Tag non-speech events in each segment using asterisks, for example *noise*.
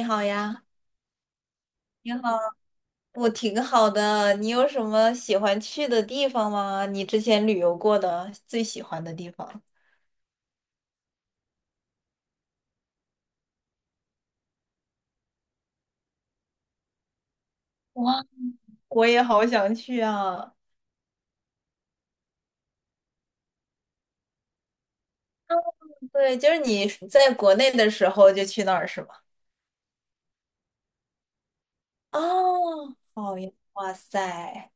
你好呀，你好，我挺好的。你有什么喜欢去的地方吗？你之前旅游过的最喜欢的地方？哇，我也好想去啊！嗯对，就是你在国内的时候就去那儿是吗？哦，好呀，哇塞，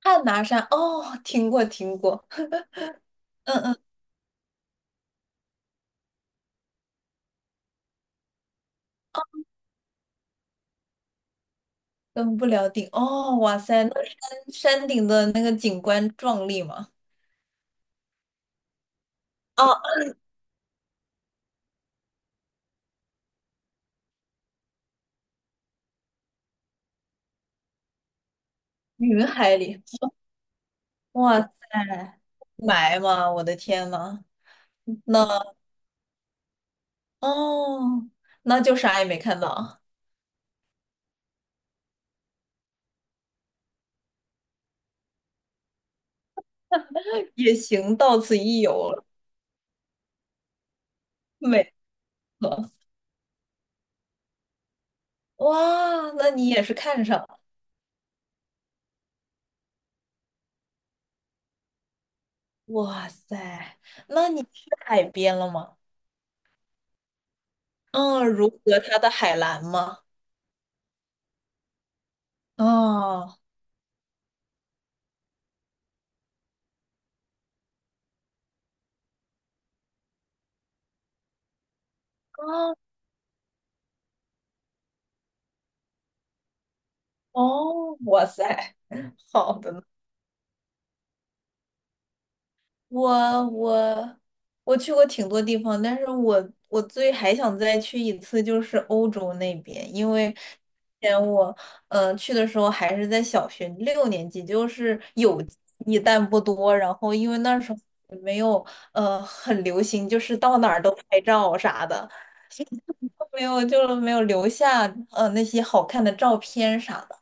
汉拿山哦，听过听过，嗯嗯，登不了顶哦，哇塞，那山山顶的那个景观壮丽吗？哦，云海里，哇塞，雾霾吗？我的天呐！那哦，那就啥也没看到，也行，到此一游了，没了哇，那你也是看上了，哇塞，那你去海边了吗？嗯，如何它的海蓝吗？哦，哦，哦，哇塞，好的呢。我我我去过挺多地方，但是我最还想再去一次就是欧洲那边，因为之前我去的时候还是在小学六年级，就是有记忆但不多，然后因为那时候也没有很流行，就是到哪儿都拍照啥的，*laughs* 没有就没有留下那些好看的照片啥的。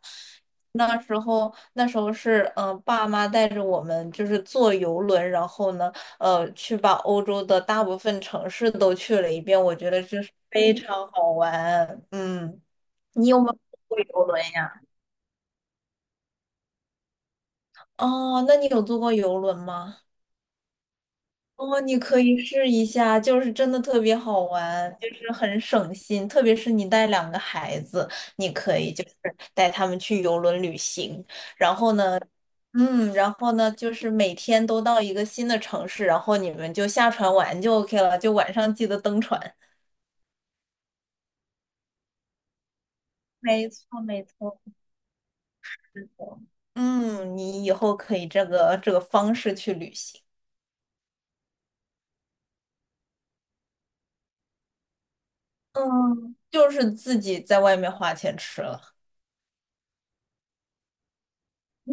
那时候是，爸妈带着我们就是坐游轮，然后呢，去把欧洲的大部分城市都去了一遍，我觉得这是非常好玩。嗯，你有没有坐过游轮呀？哦，那你有坐过游轮吗？哦，你可以试一下，就是真的特别好玩，就是很省心，特别是你带两个孩子，你可以就是带他们去游轮旅行，然后呢，嗯，然后呢，就是每天都到一个新的城市，然后你们就下船玩就 OK 了，就晚上记得登船。没错，没错，是的。你以后可以这个方式去旅行，嗯，就是自己在外面花钱吃了。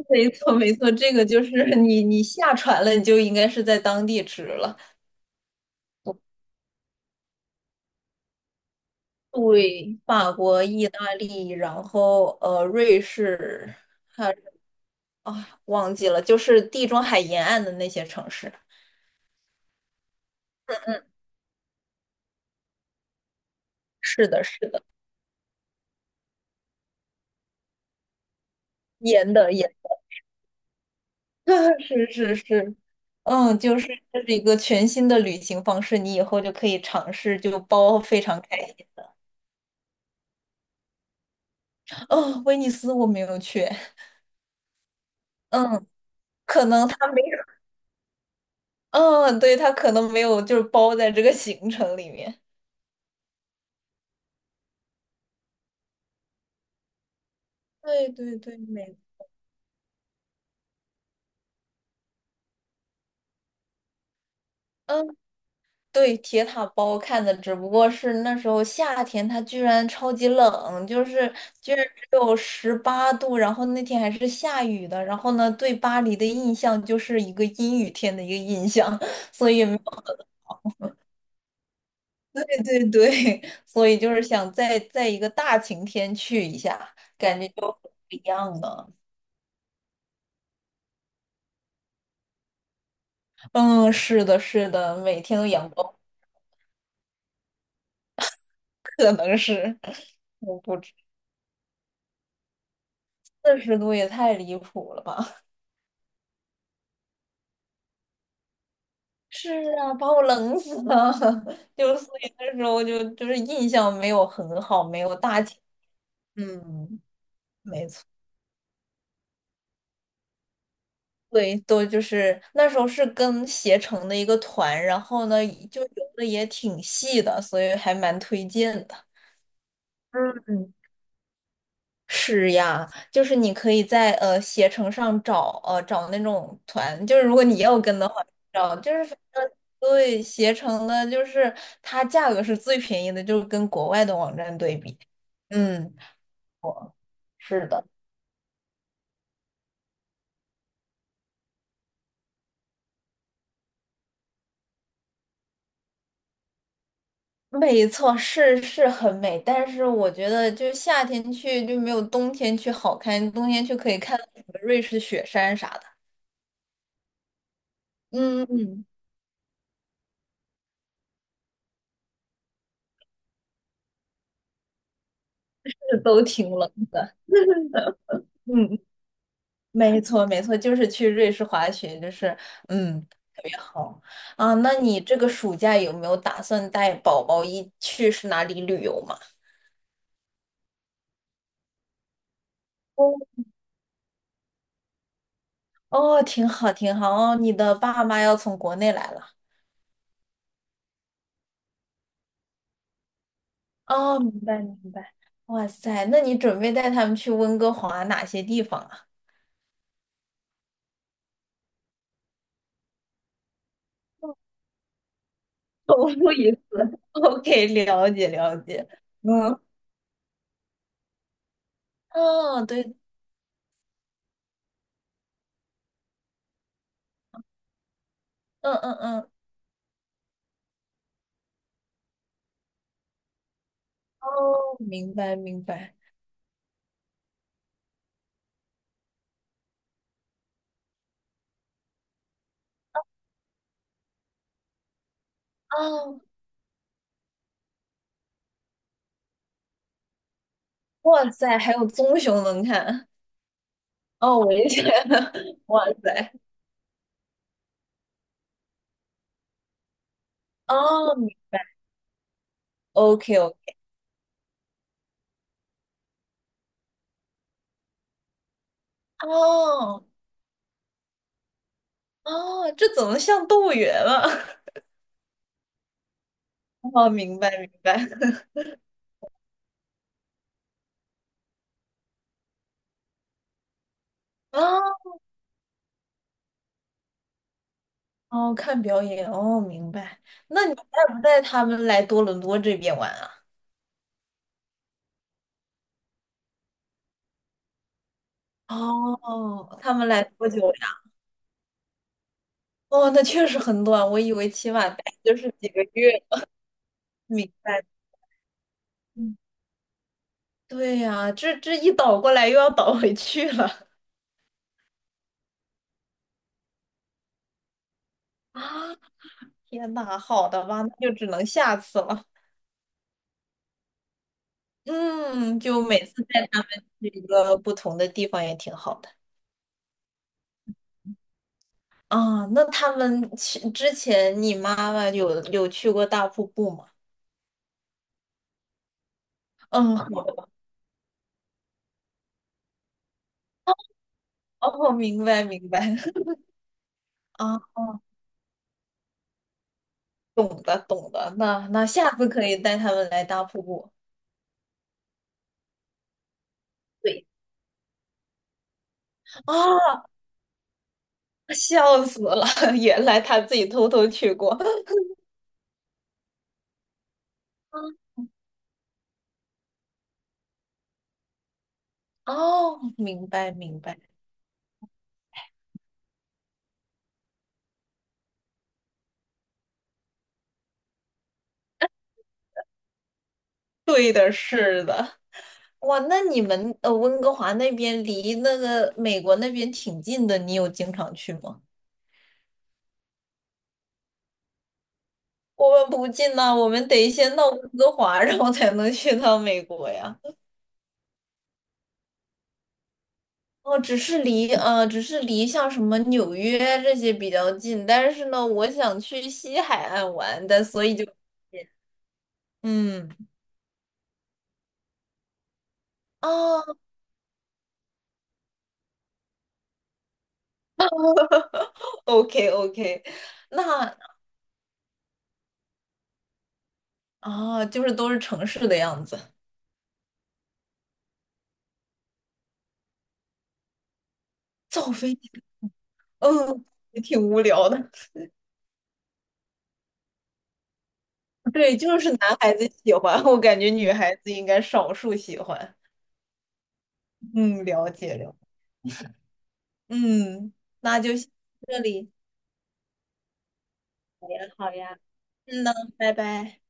没错，没错，这个就是 *laughs* 你下船了，你就应该是在当地吃了。对，法国、意大利，然后瑞士啊，忘记了，就是地中海沿岸的那些城市。是的，是的，沿的沿，*laughs* 是是是，就是这是一个全新的旅行方式，你以后就可以尝试，就包非常开心。哦，威尼斯我没有去，嗯，可能他没有嗯，对，他可能没有，就是包在这个行程里面。对对对，美，嗯，对，铁塔包看的，只不过是那时候夏天，它居然超级冷，就是居然只有18度，然后那天还是下雨的，然后呢，对巴黎的印象就是一个阴雨天的一个印象，*laughs* 所以也没有对对对，*laughs* 所以就是想再在一个大晴天去一下，感觉就不一样了。嗯，是的，是的，每天都阳光，可能是，*laughs* 我不知，40度也太离谱了吧。是啊，把我冷死了。*laughs* 就所以那时候就是印象没有很好，没有大起。嗯，没错。对，都就是那时候是跟携程的一个团，然后呢就游的也挺细的，所以还蛮推荐的。嗯，是呀，就是你可以在携程上找那种团，就是如果你要跟的话，找就是反正对携程的，就是它价格是最便宜的，就是跟国外的网站对比。嗯，是的，没错，是很美，但是我觉得就夏天去就没有冬天去好看，冬天去可以看到什么瑞士雪山啥的。嗯嗯，是都挺冷的。嗯，没错没错，就是去瑞士滑雪，就是嗯。好啊，那你这个暑假有没有打算带宝宝一去是哪里旅游嘛？哦，哦，挺好，挺好。哦，你的爸妈要从国内来了。哦，明白，明白。哇塞，那你准备带他们去温哥华哪些地方啊？重复一次。*laughs* OK，了解，了解。嗯，哦，对，嗯嗯嗯，哦，明白，明白。哦，哇塞，还有棕熊能看。哦，我也觉得，*laughs* 哇塞。哦，OK OK，哦哦，这怎么像动物园了？*laughs* 哦，明白明白。*laughs* 啊哦，看表演哦，明白。那你带不带他们来多伦多这边玩啊？哦，他们来多久呀？哦，那确实很短，我以为起码待就是几个月。明白。嗯对呀，这一倒过来又要倒回去了。*laughs* 啊，天呐，好的吧，那就只能下次了。嗯，就每次带他们去一个不同的地方也挺好的。啊，那他们去之前，你妈妈有去过大瀑布吗？嗯，好的，哦，明白明白，*laughs* 啊，懂的懂的，那下次可以带他们来大瀑布。对，啊，笑死了，*laughs* 原来他自己偷偷去过。啊哦，明白明白，对的。哇，那你们温哥华那边离那个美国那边挺近的，你有经常去吗？我们不近呐，我们得先到温哥华，然后才能去趟美国呀。哦，只是离像什么纽约这些比较近，但是呢，我想去西海岸玩但所以就嗯啊 o k OK，那啊，就是都是城市的样子，造飞机，嗯，也挺无聊的。对，就是男孩子喜欢，我感觉女孩子应该少数喜欢。嗯，了解了，嗯，那就先到这里。好呀，嗯呢，拜拜。